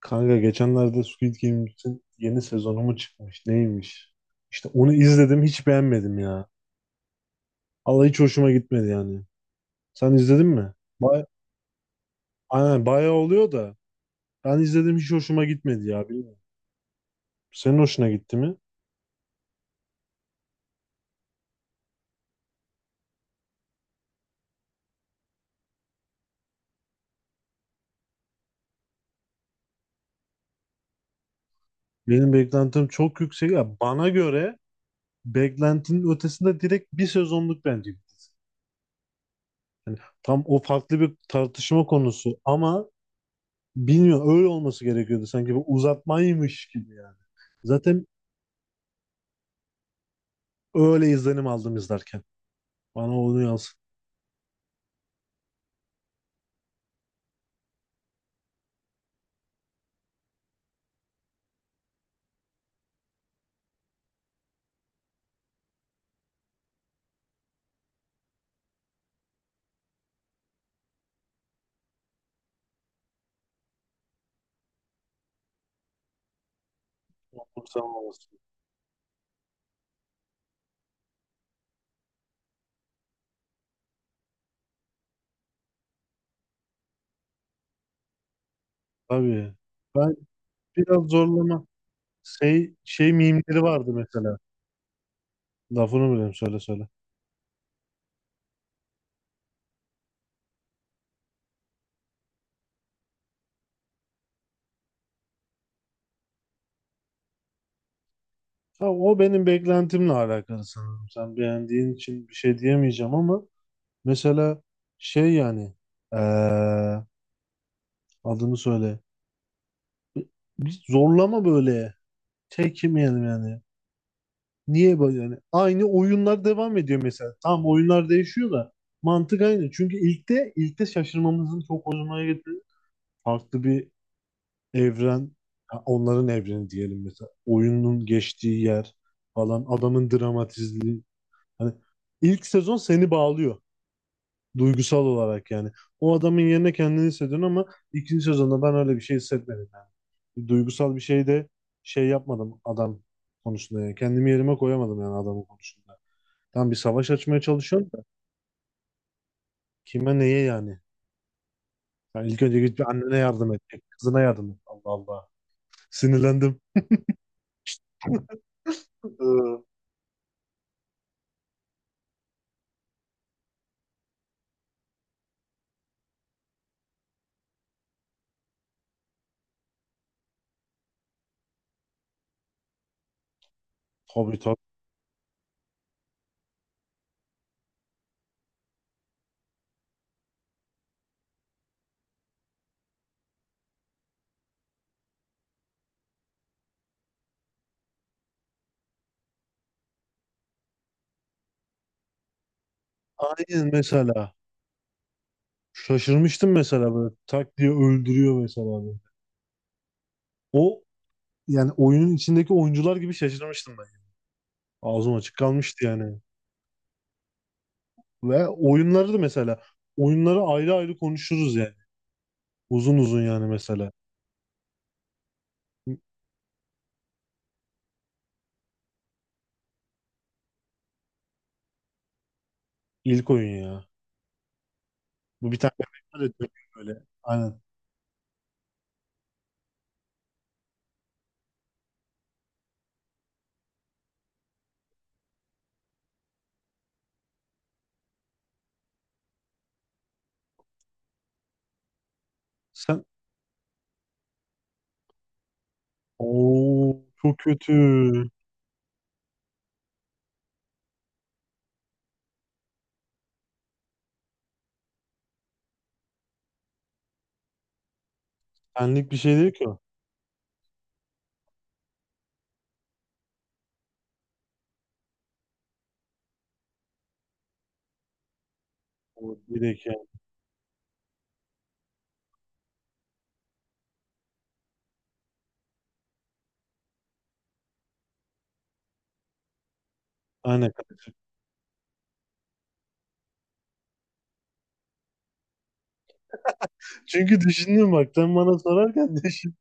Kanka geçenlerde Squid Game'in yeni sezonu mu çıkmış? Neymiş? İşte onu izledim, hiç beğenmedim ya. Allah, hiç hoşuma gitmedi yani. Sen izledin mi? Bay Aynen, bayağı oluyor da ben izledim, hiç hoşuma gitmedi ya, bilmiyorum. Senin hoşuna gitti mi? Benim beklentim çok yüksek ya. Bana göre beklentinin ötesinde, direkt bir sezonluk bence. Yani tam o farklı bir tartışma konusu ama bilmiyorum, öyle olması gerekiyordu, sanki bu uzatmaymış gibi yani. Zaten öyle izlenim aldım izlerken. Bana onu yansıttı. Sen olmasın. Tabii. Ben biraz zorlama. Şey, şey mimleri vardı mesela. Lafını bileyim, söyle söyle. Ha, o benim beklentimle alakalı sanırım. Sen beğendiğin için bir şey diyemeyeceğim ama mesela şey yani eee, adını söyle. Bir, bir zorlama böyle. Çekinmeyelim yani. Niye böyle yani? Aynı oyunlar devam ediyor mesela. Tamam, oyunlar değişiyor da mantık aynı. Çünkü ilkte şaşırmamızın çok hoşuma gitti. Farklı bir evren, ha, onların evreni diyelim mesela. Oyunun geçtiği yer falan, adamın dramatizliği. Hani ilk sezon seni bağlıyor duygusal olarak yani. O adamın yerine kendini hissediyorsun ama ikinci sezonda ben öyle bir şey hissetmedim yani. Duygusal bir şey de şey yapmadım adam konusunda yani. Kendimi yerime koyamadım yani adamın konusunda. Tam bir savaş açmaya çalışıyorsun da kime neye yani? Yani ilk önce git bir annene yardım edecek, kızına yardım et. Allah Allah. Sinirlendim. Ee, Tabii tabii. Aynen mesela. Şaşırmıştım mesela, böyle tak diye öldürüyor mesela böyle. O yani oyunun içindeki oyuncular gibi şaşırmıştım ben. Ağzım açık kalmıştı yani. Ve oyunları da mesela, oyunları ayrı ayrı konuşuruz yani. Uzun uzun yani mesela. İlk oyun ya. Bu bir tane bebek var ya, dönüyor böyle. Aynen. Sen Oo, çok kötü. Senlik bir şey değil ki o. O direkt yani. Aynen. Çünkü düşündüm, bak sen bana sorarken düşün,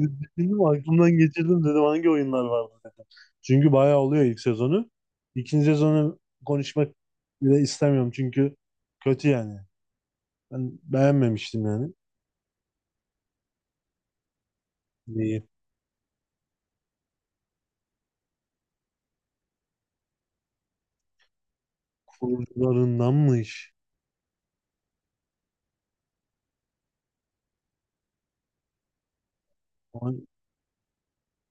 düşündüm, aklımdan geçirdim, dedim hangi oyunlar vardı dedim. Çünkü bayağı oluyor ilk sezonu. İkinci sezonu konuşmak bile istemiyorum çünkü kötü yani. Ben beğenmemiştim yani. Neyi? Kurucularındanmış. Ben,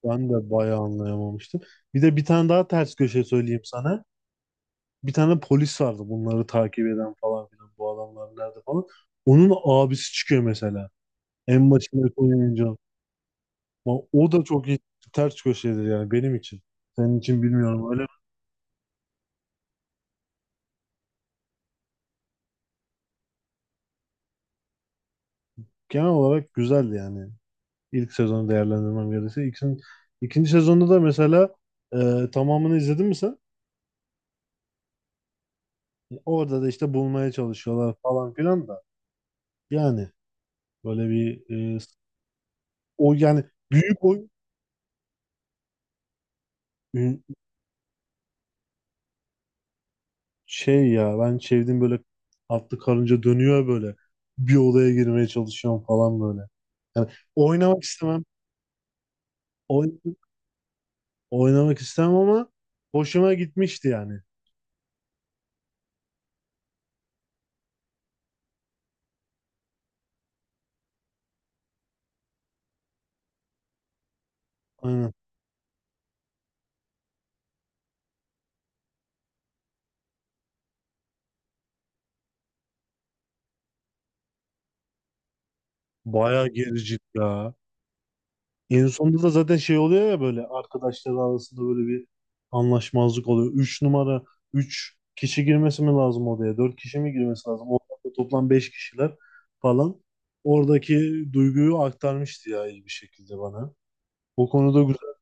ben de bayağı anlayamamıştım. Bir de bir tane daha ters köşe söyleyeyim sana. Bir tane polis vardı, bunları takip eden falan filan, bu adamlar nerede falan. Onun abisi çıkıyor mesela. En başında oynayınca. Ama o da çok iyi ters köşedir yani benim için. Senin için bilmiyorum. Öyle genel olarak güzeldi yani. İlk sezonu değerlendirmem gerekirse. İkinci sezonda da mesela tamamını izledin mi sen? Orada da işte bulmaya çalışıyorlar falan filan da. Yani böyle bir e, o yani büyük oy. Şey ya, ben çevirdim böyle, atlı karınca dönüyor böyle. Bir odaya girmeye çalışıyorum falan böyle. Yani oynamak istemem. Oyn oynamak istemem ama hoşuma gitmişti yani. Aynen. Bayağı gericik ya. En sonunda da zaten şey oluyor ya, böyle arkadaşlar arasında böyle bir anlaşmazlık oluyor. Üç numara, üç kişi girmesi mi lazım odaya? Dört kişi mi girmesi lazım? Orada toplam beş kişiler falan. Oradaki duyguyu aktarmıştı ya iyi bir şekilde bana. O konuda güzel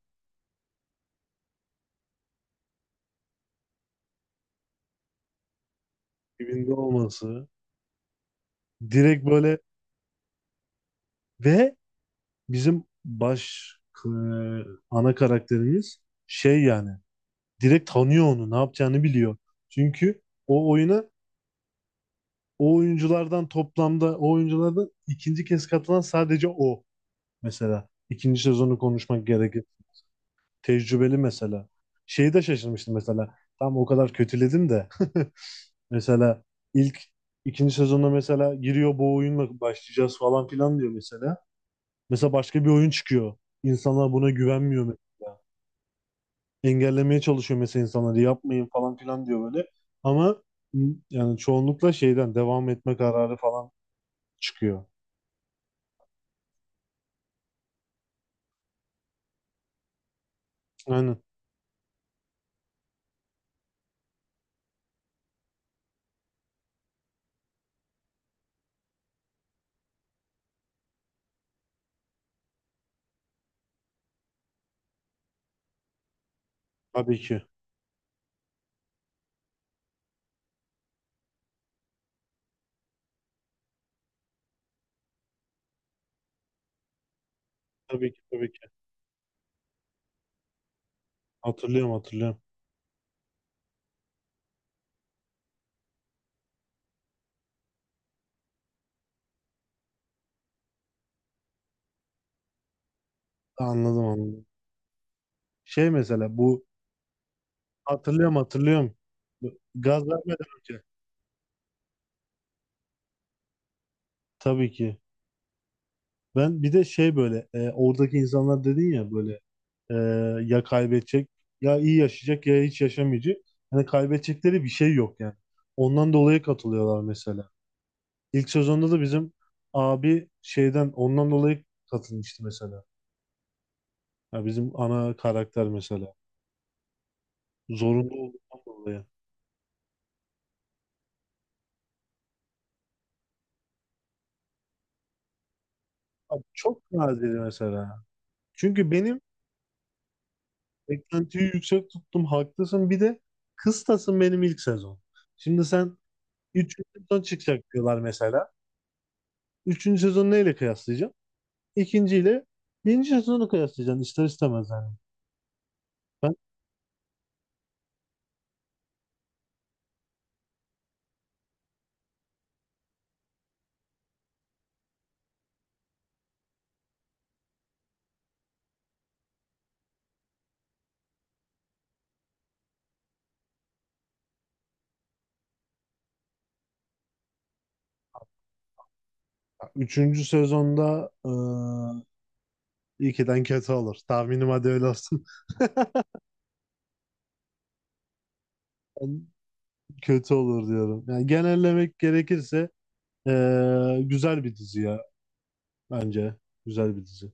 dibinde olması. Direkt böyle ve bizim baş e, ana karakterimiz şey yani direkt tanıyor onu, ne yapacağını biliyor. Çünkü o oyuna o oyunculardan toplamda o oyunculardan ikinci kez katılan sadece o mesela. İkinci sezonu konuşmak gerekir. Tecrübeli mesela. Şeyi de şaşırmıştım mesela. Tam o kadar kötüledim de. Mesela ilk ikinci sezonda mesela giriyor, bu oyunla başlayacağız falan filan diyor mesela. Mesela başka bir oyun çıkıyor. İnsanlar buna güvenmiyor mesela. Engellemeye çalışıyor mesela insanları, yapmayın falan filan diyor böyle. Ama yani çoğunlukla şeyden devam etme kararı falan çıkıyor. Aynen. Tabii ki. Tabii ki, tabii ki. Hatırlıyorum, hatırlıyorum. Anladım, anladım. Şey mesela bu hatırlıyorum, hatırlıyorum. Gaz vermeden önce. Tabii ki. Ben bir de şey böyle oradaki insanlar dedin ya böyle e, ya kaybedecek, ya iyi yaşayacak, ya hiç yaşamayacak. Hani kaybedecekleri bir şey yok yani. Ondan dolayı katılıyorlar mesela. İlk sezonda da bizim abi şeyden ondan dolayı katılmıştı mesela. Ya bizim ana karakter mesela. Zorunlu olduğundan dolayı. Abi çok nadir mesela. Çünkü benim beklentiyi yüksek tuttum, haklısın. Bir de kıstasın benim ilk sezon. Şimdi sen 3. sezon çıkacak diyorlar mesela. Üçüncü sezonu neyle kıyaslayacaksın? İkinciyle birinci sezonu kıyaslayacaksın ister istemez yani. Ben üçüncü sezonda ilkiden kötü olur. Tahminim, hadi öyle olsun. Ben kötü olur diyorum. Yani genellemek gerekirse güzel bir dizi ya bence. Güzel bir dizi.